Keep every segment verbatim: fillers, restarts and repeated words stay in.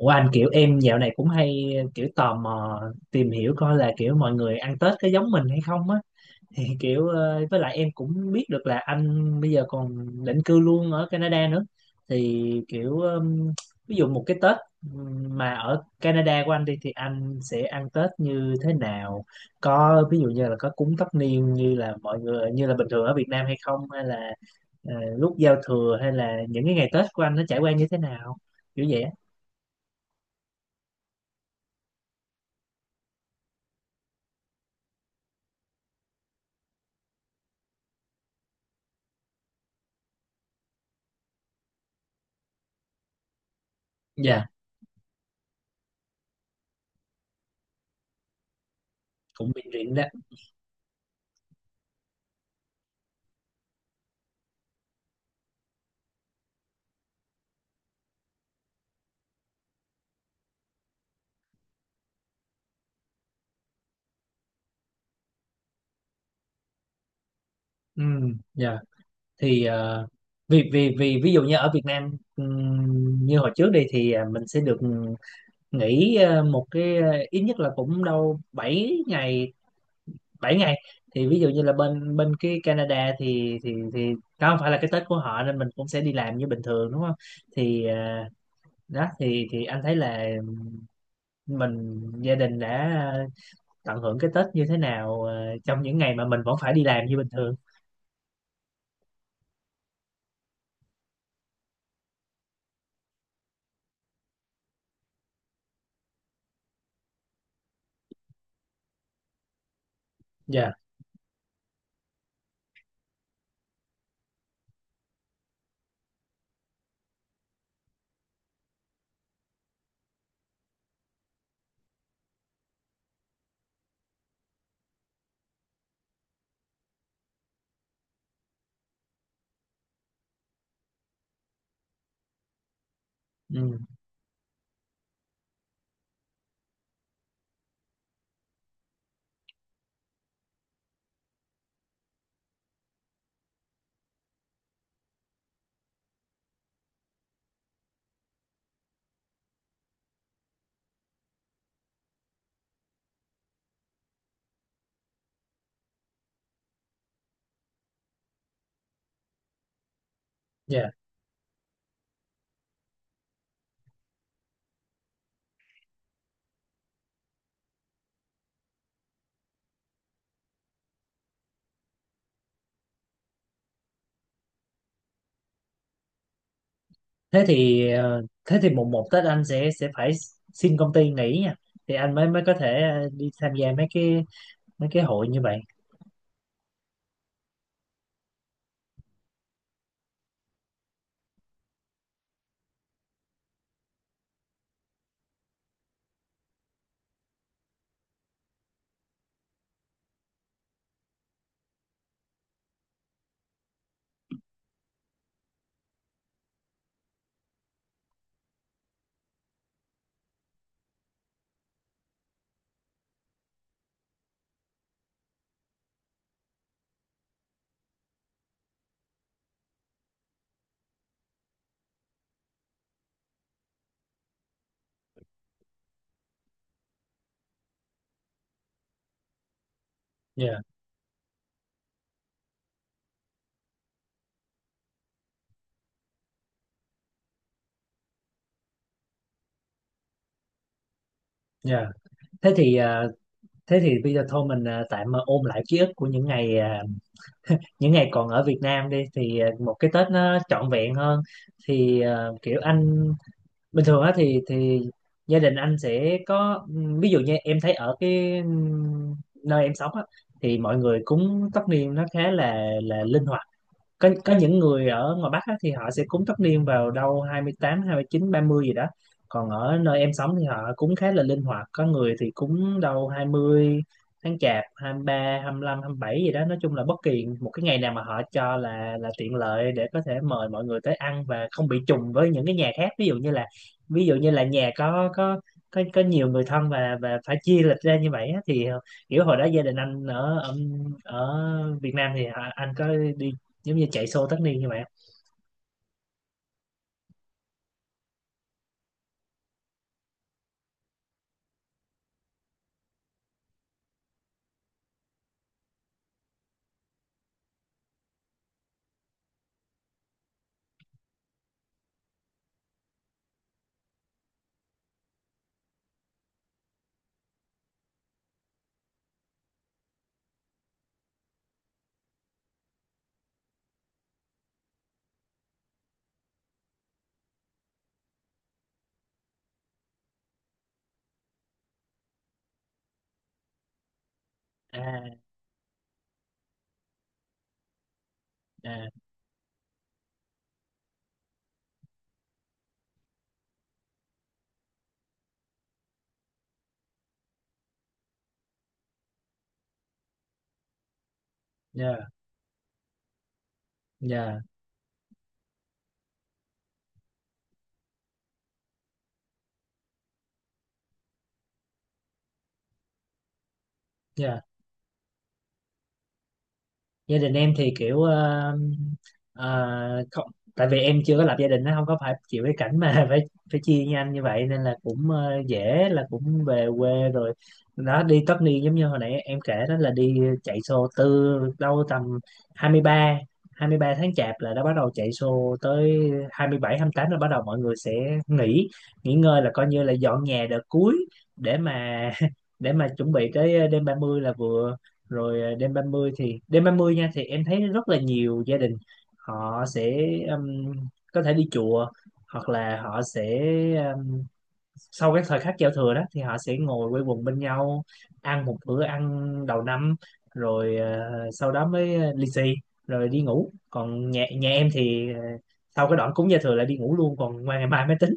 Ủa anh, kiểu em dạo này cũng hay kiểu tò mò tìm hiểu coi là kiểu mọi người ăn Tết có giống mình hay không á. Thì kiểu ờ, với lại em cũng biết được là anh bây giờ còn định cư luôn ở Canada nữa. Thì kiểu ừm, ví dụ một cái Tết ừm, mà ở Canada của anh đi thì anh sẽ ăn Tết như thế nào? Có ví dụ như là có cúng tất niên như là mọi người như là bình thường ở Việt Nam hay không, hay là ờ, lúc giao thừa hay là những cái ngày Tết của anh nó trải qua như thế nào, kiểu vậy á? Dạ. Cũng bị rỉ đấy. Ừ. Dạ. Thì ờ, vì vì vì ví dụ như ở Việt Nam ừm, như hồi trước đi thì à, mình sẽ được nghỉ ờ, một cái ờ, ít nhất là cũng đâu bảy ngày, bảy ngày. Thì ví dụ như là bên bên cái Canada thì thì thì đó không phải là cái Tết của họ nên mình cũng sẽ đi làm như bình thường đúng không? Thì ờ, đó thì thì anh thấy là mình gia đình đã ờ, tận hưởng cái Tết như thế nào ờ, trong những ngày mà mình vẫn phải đi làm như bình thường. Dạ. Ừ. Dạ. Thế thì ờ, thế thì mùng một Tết anh sẽ sẽ phải xin công ty nghỉ nha, thì anh mới mới có thể ờ, đi tham gia mấy cái mấy cái hội như vậy. Dạ, dạ. thế thì ờ, thế thì bây giờ thôi mình ờ, tạm ờ, ôn lại ký ức của những ngày ờ, những ngày còn ở Việt Nam đi thì ờ, một cái Tết nó trọn vẹn hơn. Thì ờ, kiểu anh bình thường á thì thì gia đình anh sẽ có. Ví dụ như em thấy ở cái ừm, nơi em sống á, thì mọi người cúng tất niên nó khá là là linh hoạt. Có có những người ở ngoài Bắc á, thì họ sẽ cúng tất niên vào đâu hai mươi tám, hai mươi chín, ba mươi gì đó. Còn ở nơi em sống thì họ cúng khá là linh hoạt, có người thì cúng đâu hai mươi tháng Chạp, hai mươi ba, hai mươi lăm, hai mươi bảy gì đó, nói chung là bất kỳ một cái ngày nào mà họ cho là là tiện lợi để có thể mời mọi người tới ăn và không bị trùng với những cái nhà khác, ví dụ như là, ví dụ như là nhà có có có có nhiều người thân và và phải chia lịch ra như vậy á, thì kiểu hồi đó gia đình anh ở ở, ở Việt Nam thì họ- anh có đi giống như chạy xô tất niên như vậy không? À. À. Yeah, yeah, yeah. Gia đình em thì kiểu ờ, ờ, không, tại vì em chưa có lập gia đình nó không có phải chịu cái cảnh mà phải phải chia với anh như vậy nên là cũng ờ, dễ là cũng về quê rồi. Đó, đi tất niên giống như hồi nãy em kể đó là đi chạy xô từ đâu tầm hai hai mươi ba hai mươi ba tháng chạp là đã bắt đầu chạy xô tới hai hai mươi bảy, hai mươi tám là bắt đầu mọi người sẽ nghỉ nghỉ ngơi là coi như là dọn nhà đợt cuối để mà để mà chuẩn bị tới đêm ba mươi là vừa. Rồi à, đêm ba mươi thì đêm ba mươi nha, thì em thấy rất là nhiều gia đình họ sẽ um, có thể đi chùa hoặc là họ sẽ um, sau cái thời khắc giao thừa đó thì họ sẽ ngồi quây quần bên nhau ăn một bữa ăn đầu năm rồi à, sau đó mới à, lì xì rồi đi ngủ. Còn nhà nhà em thì à, sau cái đoạn cúng giao thừa là đi ngủ luôn, còn qua ngày mai mới tính.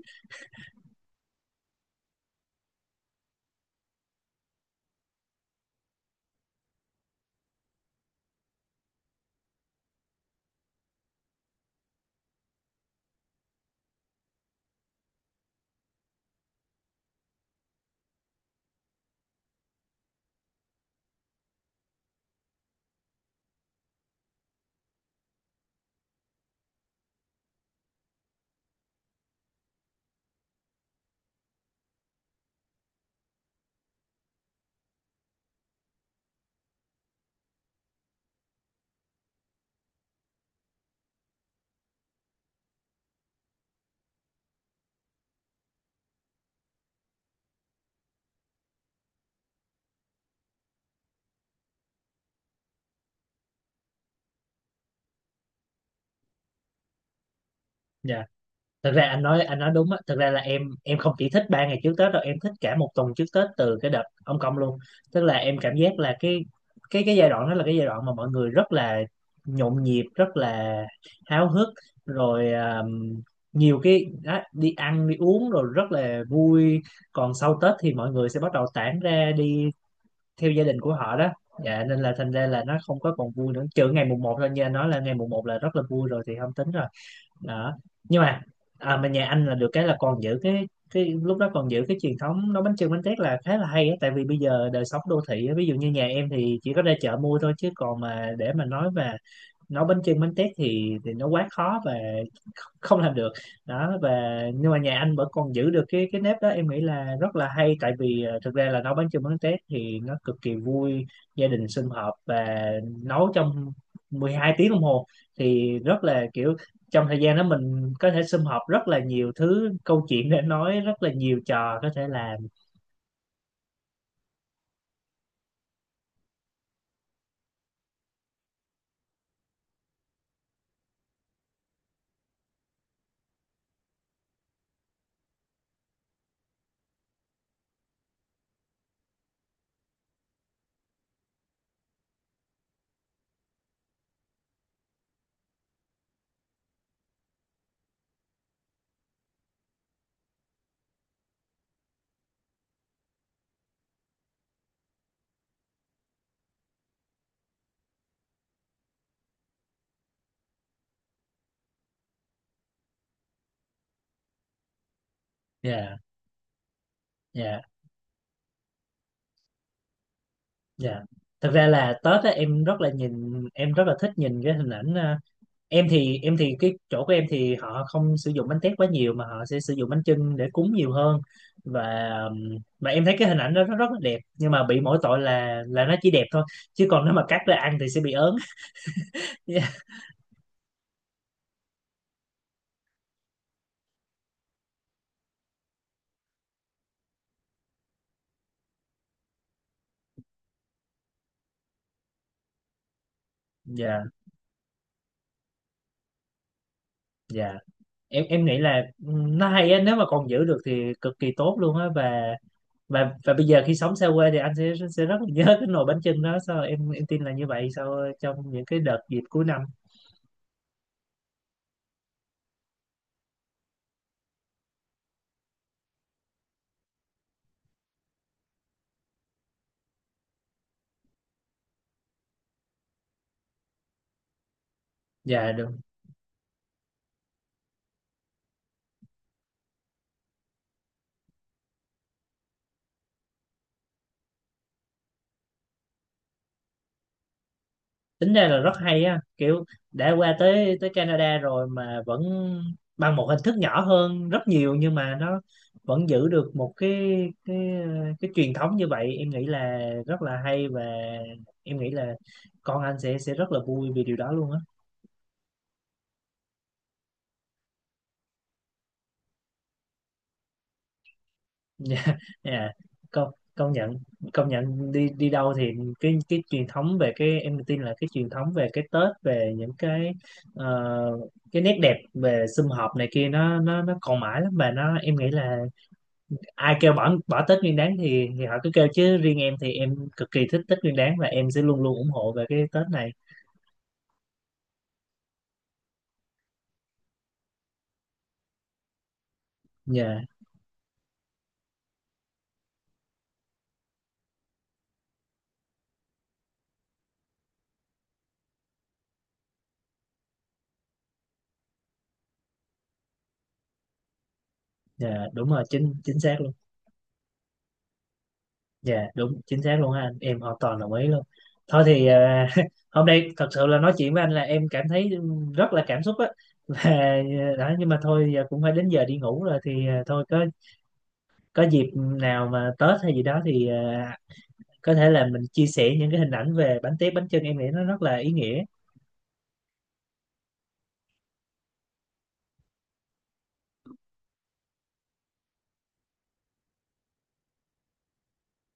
Dạ. Thực ra anh nói anh nói đúng á, thực ra là em em không chỉ thích ba ngày trước Tết đâu, em thích cả một tuần trước Tết từ cái đợt ông Công luôn. Tức là em cảm giác là cái cái cái giai đoạn đó là cái giai đoạn mà mọi người rất là nhộn nhịp, rất là háo hức. Rồi um, nhiều cái đó, đi ăn đi uống rồi rất là vui. Còn sau Tết thì mọi người sẽ bắt đầu tản ra đi theo gia đình của họ đó. Dạ, nên là thành ra là nó không có còn vui nữa trừ ngày mùng một thôi, như anh nói là ngày mùng một là rất là vui rồi thì không tính. Đó. Nhưng mà à, mà nhà anh là được cái là còn giữ cái cái lúc đó còn giữ cái truyền thống nấu bánh chưng bánh tét là khá là hay á, tại vì bây giờ đời sống đô thị á, ví dụ như nhà em thì chỉ có ra chợ mua thôi chứ còn mà để mà nói mà nấu bánh chưng bánh tét thì thì nó quá khó và không làm được. Đó. Và nhưng mà nhà anh vẫn còn giữ được cái cái nếp đó, em nghĩ là rất là hay, tại vì ờ, thực ra là nấu bánh chưng bánh tét thì nó cực kỳ vui, gia đình sum họp và nấu trong mười hai tiếng đồng hồ thì rất là kiểu trong thời gian đó mình có thể sum họp rất là nhiều thứ, câu chuyện để nói rất là nhiều, trò có thể làm. Dạ. Dạ. Dạ. Thực ra là Tết á, em rất là nhìn em rất là thích nhìn cái hình ảnh ờ, em thì em thì cái chỗ của em thì họ không sử dụng bánh tét quá nhiều mà họ sẽ sử dụng bánh chưng để cúng nhiều hơn. Và um, mà em thấy cái hình ảnh đó nó rất là đẹp, nhưng mà bị mỗi tội là là nó chỉ đẹp thôi, chứ còn nếu mà cắt ra ăn thì sẽ bị ớn. Dạ. Dạ. Em em nghĩ là ừm, nó hay á, nếu mà còn giữ được thì cực kỳ tốt luôn á. Và và và bây giờ khi sống xa quê thì anh sẽ sẽ rất là nhớ cái nồi bánh chưng đó sao, em em tin là như vậy sau trong những cái đợt dịp cuối năm. Dạ được. Tính ra là rất hay á, kiểu đã qua tới tới Canada rồi mà vẫn bằng một hình thức nhỏ hơn rất nhiều nhưng mà nó vẫn giữ được một cái cái cái truyền thống như vậy, em nghĩ là rất là hay. Và em nghĩ là con anh sẽ sẽ rất là vui vì điều đó luôn á. Dạ. Dạ. Công công nhận công nhận đi đi đâu thì cái cái truyền thống về cái em tin là cái truyền thống về cái Tết, về những cái ờ, cái nét đẹp về sum họp này kia nó nó nó còn mãi lắm mà nó em nghĩ là ai kêu bỏ bỏ Tết Nguyên Đán thì thì họ cứ kêu, chứ riêng em thì em cực kỳ thích Tết Nguyên Đán và em sẽ luôn luôn ủng hộ về cái Tết này. Dạ. Dạ đúng rồi, chính chính xác luôn. Dạ đúng chính xác luôn ha anh, em hoàn toàn đồng ý luôn. Thôi thì à, hôm nay thật sự là nói chuyện với anh là em cảm thấy rất là cảm xúc á. Và à, đó. Nhưng mà thôi giờ cũng phải đến giờ đi ngủ rồi thì à, thôi, có có dịp nào mà Tết hay gì đó thì à, có thể là mình chia sẻ những cái hình ảnh về bánh tét bánh chưng, em nghĩ nó rất là ý nghĩa.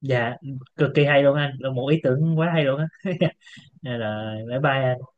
Dạ cực kỳ hay luôn anh, là một ý tưởng quá hay luôn á. Dạ rồi, bye bye anh.